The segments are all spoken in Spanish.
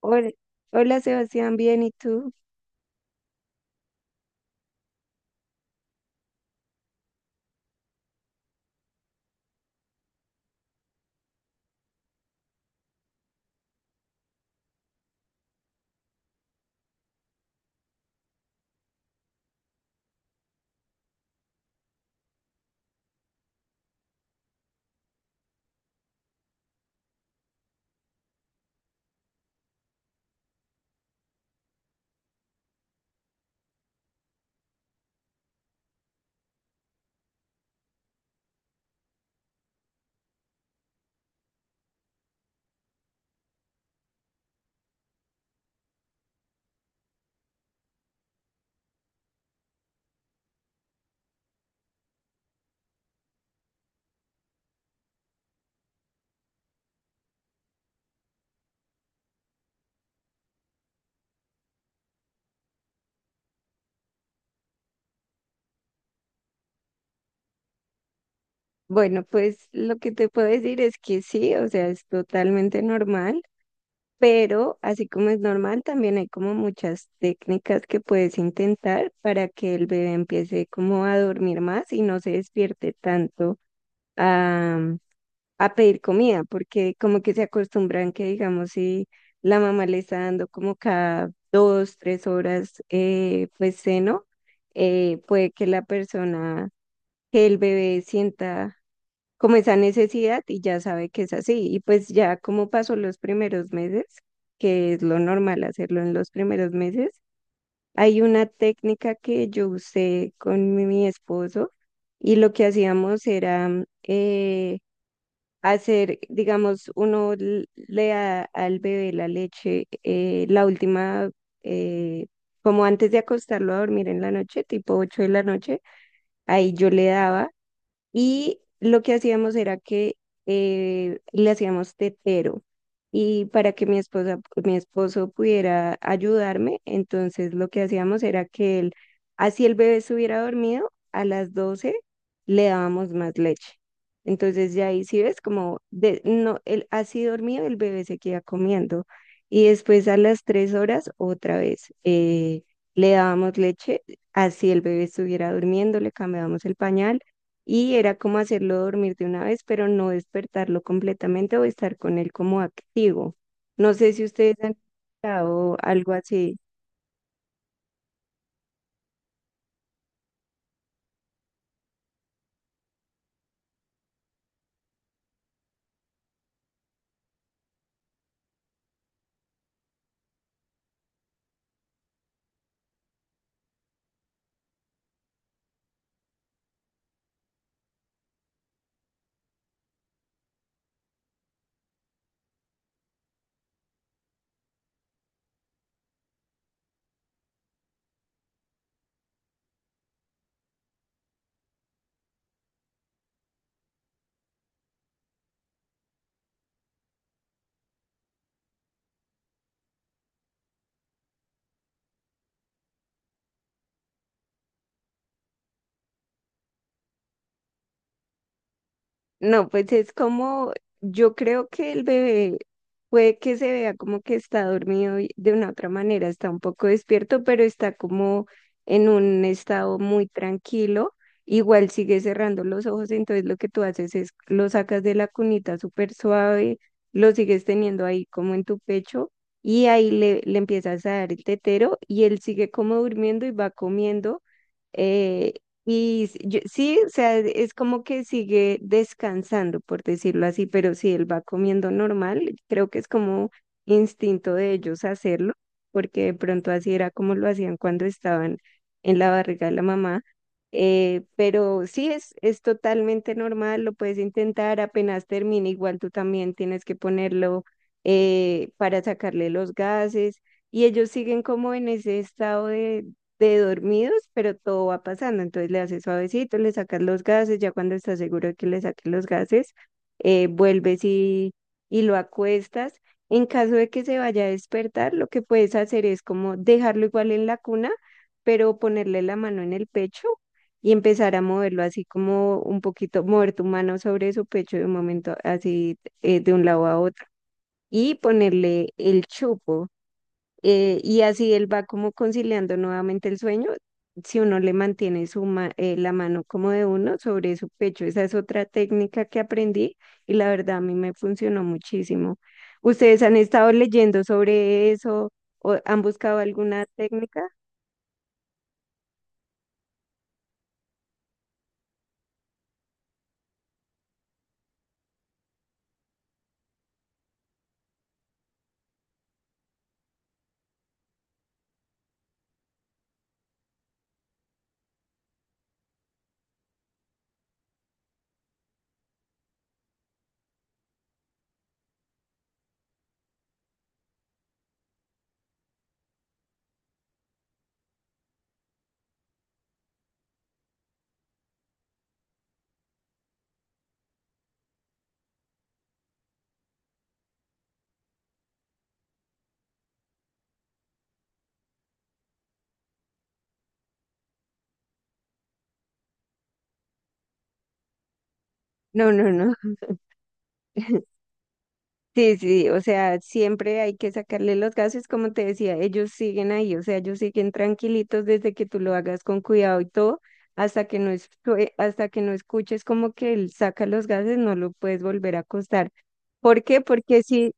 Hola, hola, Sebastián, bien, ¿y tú? Bueno, pues lo que te puedo decir es que sí, o sea, es totalmente normal, pero así como es normal, también hay como muchas técnicas que puedes intentar para que el bebé empiece como a dormir más y no se despierte tanto a, a pedir comida, porque como que se acostumbran que, digamos, si la mamá le está dando como cada dos, tres horas, pues seno puede que la persona que el bebé sienta como esa necesidad y ya sabe que es así. Y pues ya como pasó los primeros meses, que es lo normal hacerlo en los primeros meses, hay una técnica que yo usé con mi esposo y lo que hacíamos era hacer, digamos, uno le da al bebé la leche, la última... eh, como antes de acostarlo a dormir en la noche, tipo 8 de la noche, ahí yo le daba y lo que hacíamos era que le hacíamos tetero. Y para que mi esposo pudiera ayudarme, entonces lo que hacíamos era que él, así el bebé estuviera dormido, a las 12 le dábamos más leche. Entonces ya ahí sí ves como de, no, él así dormido el bebé se queda comiendo. Y después a las tres horas otra vez le dábamos leche, así el bebé estuviera durmiendo, le cambiábamos el pañal y era como hacerlo dormir de una vez, pero no despertarlo completamente o estar con él como activo. No sé si ustedes han estado algo así. No, pues es como, yo creo que el bebé puede que se vea como que está dormido y de una otra manera, está un poco despierto, pero está como en un estado muy tranquilo. Igual sigue cerrando los ojos, entonces lo que tú haces es lo sacas de la cunita súper suave, lo sigues teniendo ahí como en tu pecho y ahí le empiezas a dar el tetero y él sigue como durmiendo y va comiendo. eh, sí, o sea, es como que sigue descansando, por decirlo así, pero si él va comiendo normal, creo que es como instinto de ellos hacerlo, porque de pronto así era como lo hacían cuando estaban en la barriga de la mamá. Pero sí, es totalmente normal, lo puedes intentar, apenas termine, igual tú también tienes que ponerlo para sacarle los gases y ellos siguen como en ese estado de dormidos, pero todo va pasando. Entonces le haces suavecito, le sacas los gases, ya cuando estás seguro de que le saques los gases, vuelves y lo acuestas. En caso de que se vaya a despertar, lo que puedes hacer es como dejarlo igual en la cuna, pero ponerle la mano en el pecho y empezar a moverlo así como un poquito, mover tu mano sobre su pecho de un momento así de un lado a otro y ponerle el chupo y así él va como conciliando nuevamente el sueño. Si uno le mantiene la mano como de uno sobre su pecho, esa es otra técnica que aprendí y la verdad a mí me funcionó muchísimo. ¿Ustedes han estado leyendo sobre eso o han buscado alguna técnica? No, no, no. Sí, sí, o sea, siempre hay que sacarle los gases, como te decía, ellos siguen ahí, o sea, ellos siguen tranquilitos desde que tú lo hagas con cuidado y todo, hasta que no es, hasta que no escuches como que él saca los gases, no lo puedes volver a acostar. ¿Por qué? Porque si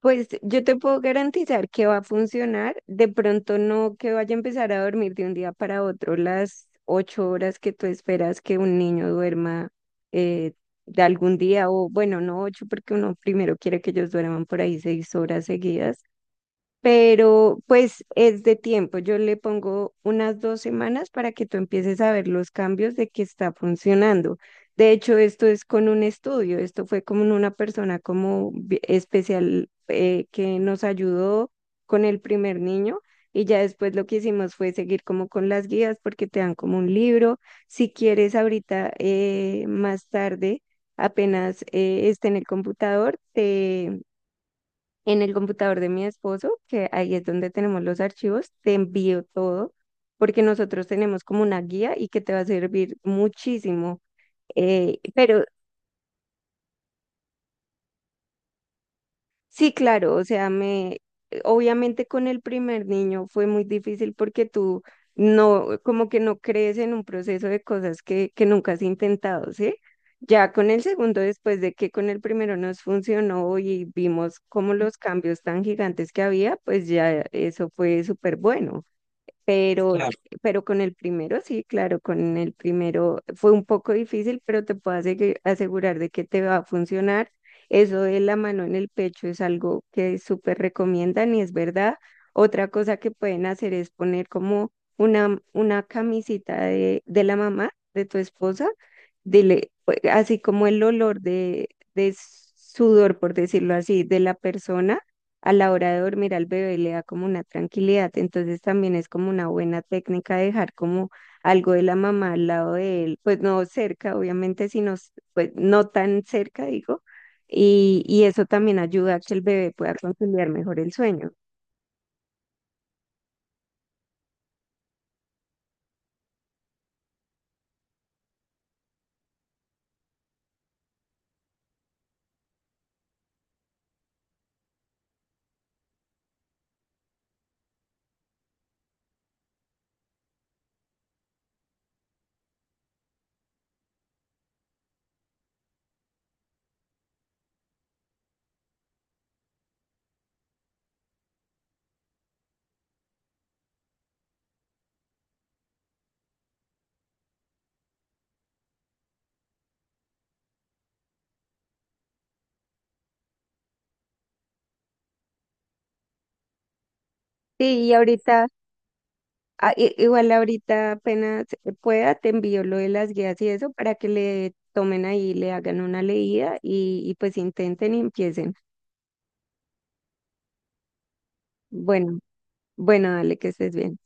pues yo te puedo garantizar que va a funcionar. De pronto no que vaya a empezar a dormir de un día para otro las 8 horas que tú esperas que un niño duerma eh, de algún día, o bueno, no 8, porque uno primero quiere que ellos duerman por ahí 6 horas seguidas, pero pues es de tiempo. Yo le pongo unas 2 semanas para que tú empieces a ver los cambios de que está funcionando. De hecho, esto es con un estudio, esto fue como en una persona como especial que nos ayudó con el primer niño y ya después lo que hicimos fue seguir como con las guías porque te dan como un libro. Si quieres ahorita más tarde, apenas esté en el computador, te en el computador de mi esposo, que ahí es donde tenemos los archivos, te envío todo, porque nosotros tenemos como una guía y que te va a servir muchísimo. Pero sí, claro, o sea, me, obviamente con el primer niño fue muy difícil porque tú no, como que no crees en un proceso de cosas que nunca has intentado, ¿sí? Ya con el segundo, después de que con el primero nos funcionó y vimos como los cambios tan gigantes que había, pues ya eso fue súper bueno. Pero, claro. Pero con el primero, sí, claro, con el primero fue un poco difícil, pero te puedo asegurar de que te va a funcionar. Eso de la mano en el pecho es algo que súper recomiendan y es verdad. Otra cosa que pueden hacer es poner como una camisita de la mamá, de tu esposa, dile, pues, así como el olor de sudor, por decirlo así, de la persona a la hora de dormir al bebé le da como una tranquilidad, entonces también es como una buena técnica dejar como algo de la mamá al lado de él, pues no cerca, obviamente, sino s- pues no tan cerca, digo, y eso también ayuda a que el bebé pueda conciliar mejor el sueño. Sí, y ahorita, igual ahorita apenas pueda, te envío lo de las guías y eso para que le tomen ahí, le hagan una leída y pues intenten y empiecen. Bueno, bueno, dale que estés bien.